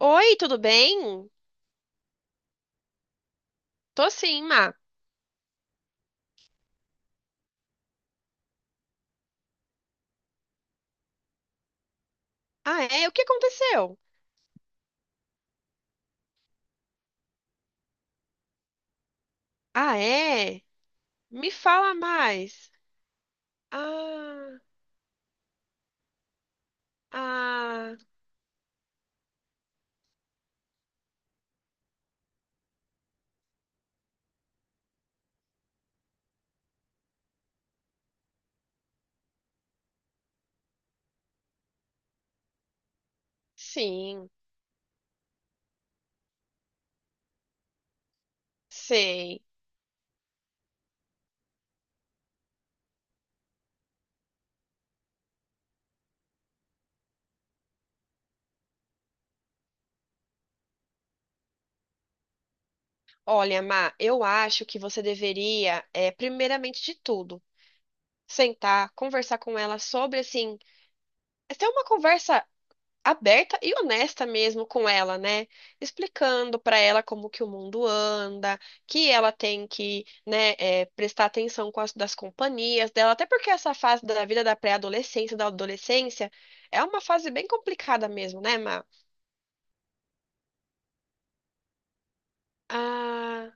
Oi, tudo bem? Tô sim, Má. Ah, é? O que aconteceu? Ah, é? Me fala mais. Ah, ah, sim, sei. Olha, Má, eu acho que você deveria, primeiramente de tudo, sentar, conversar com ela sobre, assim, ter uma conversa aberta e honesta mesmo com ela, né? Explicando para ela como que o mundo anda, que ela tem que prestar atenção com as das companhias dela, até porque essa fase da vida da pré-adolescência, da adolescência, é uma fase bem complicada mesmo, né, Má? Ah,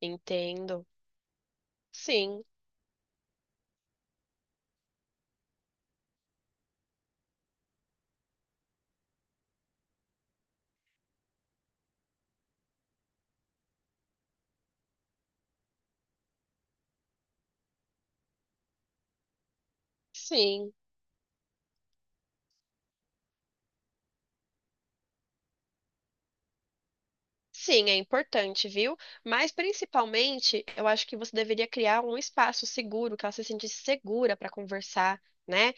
entendo. Sim, sim. Sim, é importante, viu? Mas principalmente, eu acho que você deveria criar um espaço seguro, que ela se sentisse segura para conversar, né?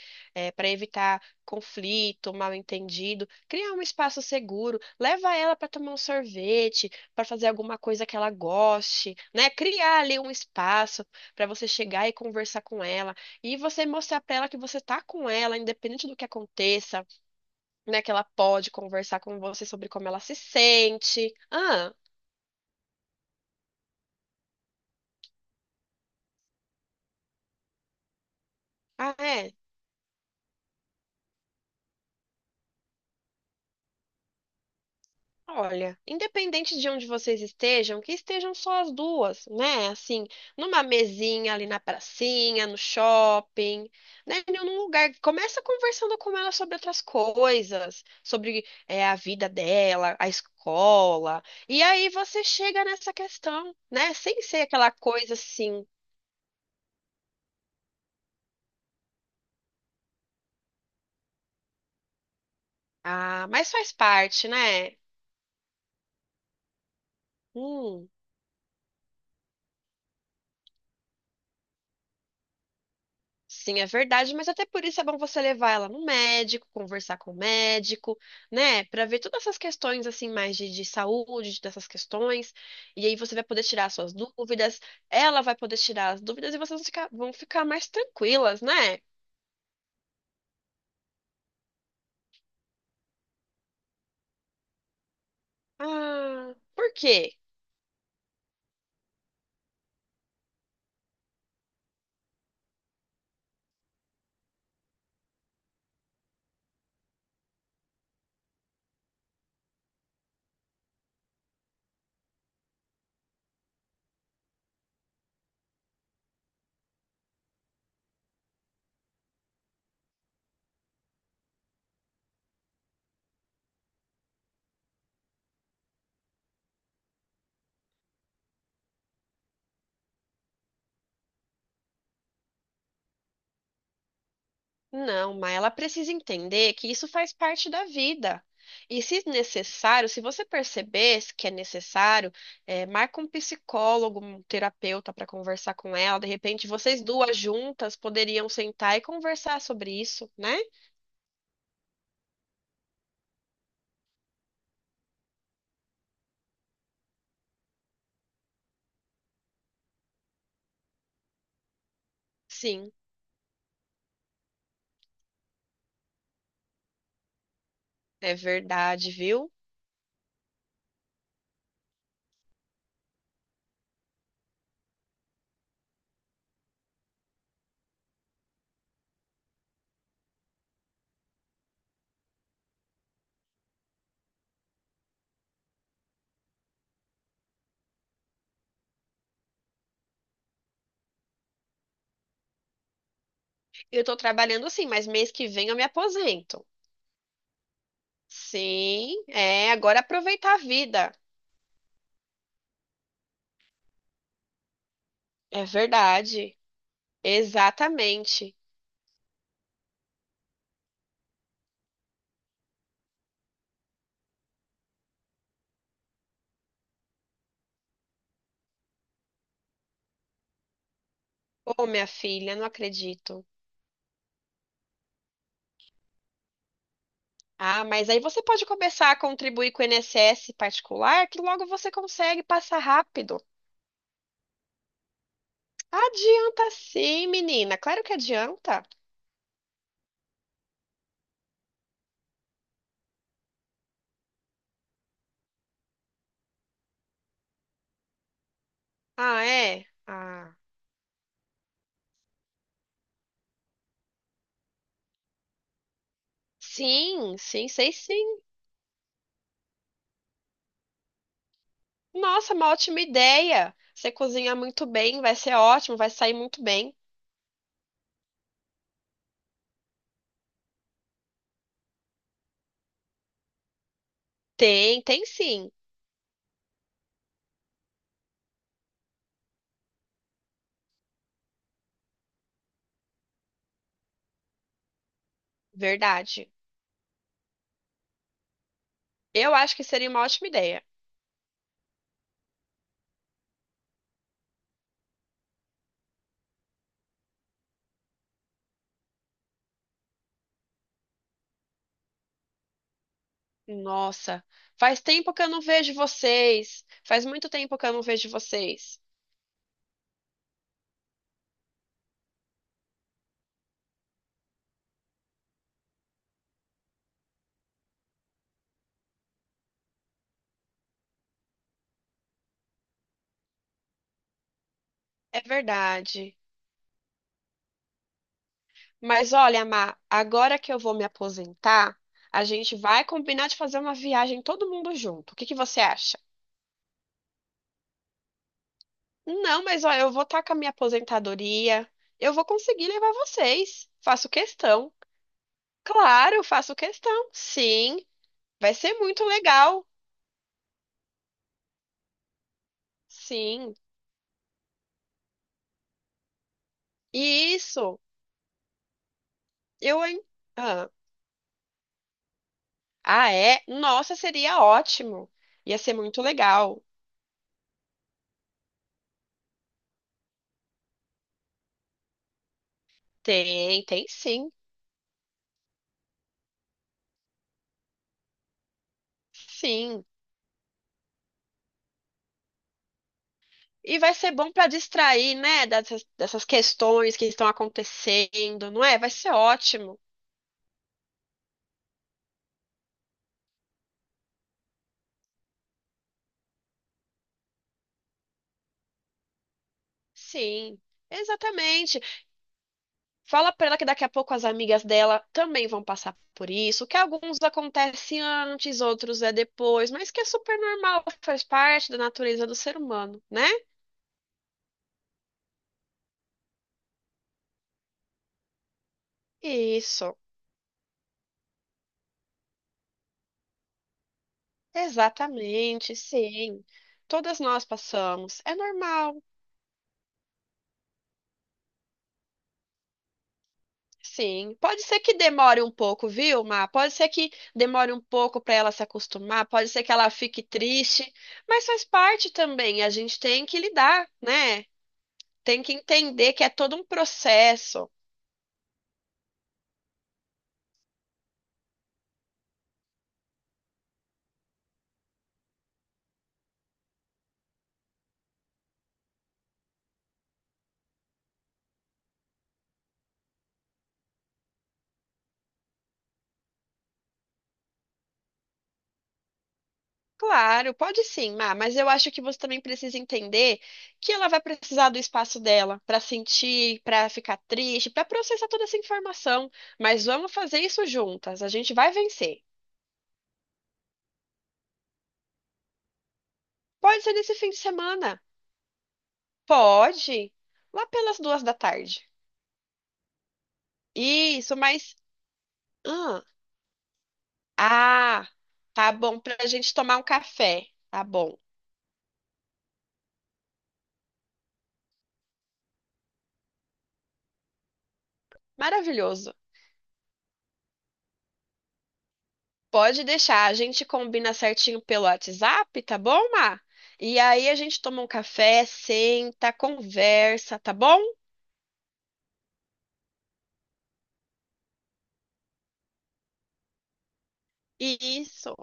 Para evitar conflito, mal-entendido. Criar um espaço seguro, leva ela para tomar um sorvete, para fazer alguma coisa que ela goste, né? Criar ali um espaço para você chegar e conversar com ela e você mostrar para ela que você tá com ela, independente do que aconteça, né? Que ela pode conversar com você sobre como ela se sente. Ah. Ah, é? Olha, independente de onde vocês estejam, que estejam só as duas, né? Assim, numa mesinha ali na pracinha, no shopping, né? Em algum lugar. Começa conversando com ela sobre outras coisas, sobre a vida dela, a escola. E aí você chega nessa questão, né? Sem ser aquela coisa assim, ah, mas faz parte, né? Hum. Sim, é verdade, mas até por isso é bom você levar ela no médico, conversar com o médico, né? Pra ver todas essas questões assim mais de saúde, dessas questões, e aí você vai poder tirar suas dúvidas, ela vai poder tirar as dúvidas e vocês vão vão ficar mais tranquilas, né? Ah, por quê? Não, mas ela precisa entender que isso faz parte da vida. E se necessário, se você perceber que é necessário, marca um psicólogo, um terapeuta para conversar com ela. De repente, vocês duas juntas poderiam sentar e conversar sobre isso, né? Sim, é verdade, viu? Eu tô trabalhando assim, mas mês que vem eu me aposento. Sim, é, agora aproveitar a vida. É verdade, exatamente. Ô, minha filha, não acredito. Ah, mas aí você pode começar a contribuir com o INSS particular, que logo você consegue passar rápido. Adianta sim, menina. Claro que adianta. Ah, é? Ah, sim, sim, sei sim. Nossa, uma ótima ideia. Você cozinha muito bem, vai ser ótimo, vai sair muito bem. Tem, tem sim. Verdade. Eu acho que seria uma ótima ideia. Nossa, faz tempo que eu não vejo vocês. Faz muito tempo que eu não vejo vocês. É verdade. Mas olha, Mar, agora que eu vou me aposentar, a gente vai combinar de fazer uma viagem todo mundo junto. O que que você acha? Não, mas olha, eu vou estar com a minha aposentadoria. Eu vou conseguir levar vocês. Faço questão. Claro, faço questão. Sim, vai ser muito legal. Sim, isso. Eu, hein? Ah, ah, é? Nossa, seria ótimo. Ia ser muito legal. Tem, tem sim. Sim. E vai ser bom para distrair, né, dessas questões que estão acontecendo, não é? Vai ser ótimo. Sim, exatamente. Fala para ela que daqui a pouco as amigas dela também vão passar por isso, que alguns acontecem antes, outros é depois, mas que é super normal, faz parte da natureza do ser humano, né? Isso, exatamente, sim. Todas nós passamos. É normal. Sim, pode ser que demore um pouco, viu, Má? Pode ser que demore um pouco para ela se acostumar, pode ser que ela fique triste, mas faz parte também, a gente tem que lidar, né? Tem que entender que é todo um processo. Claro, pode sim, Má, mas eu acho que você também precisa entender que ela vai precisar do espaço dela para sentir, para ficar triste, para processar toda essa informação. Mas vamos fazer isso juntas, a gente vai vencer. Pode ser nesse fim de semana. Pode, lá pelas duas da tarde. Isso, mas. Ah, ah, tá bom pra gente tomar um café. Tá bom. Maravilhoso. Pode deixar, a gente combina certinho pelo WhatsApp, tá bom, Má? E aí a gente toma um café, senta, conversa, tá bom? Isso,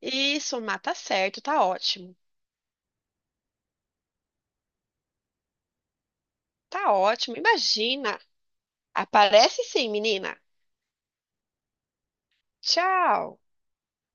isso, Má, tá certo, tá ótimo. Tá ótimo, imagina. Aparece sim, menina. Tchau.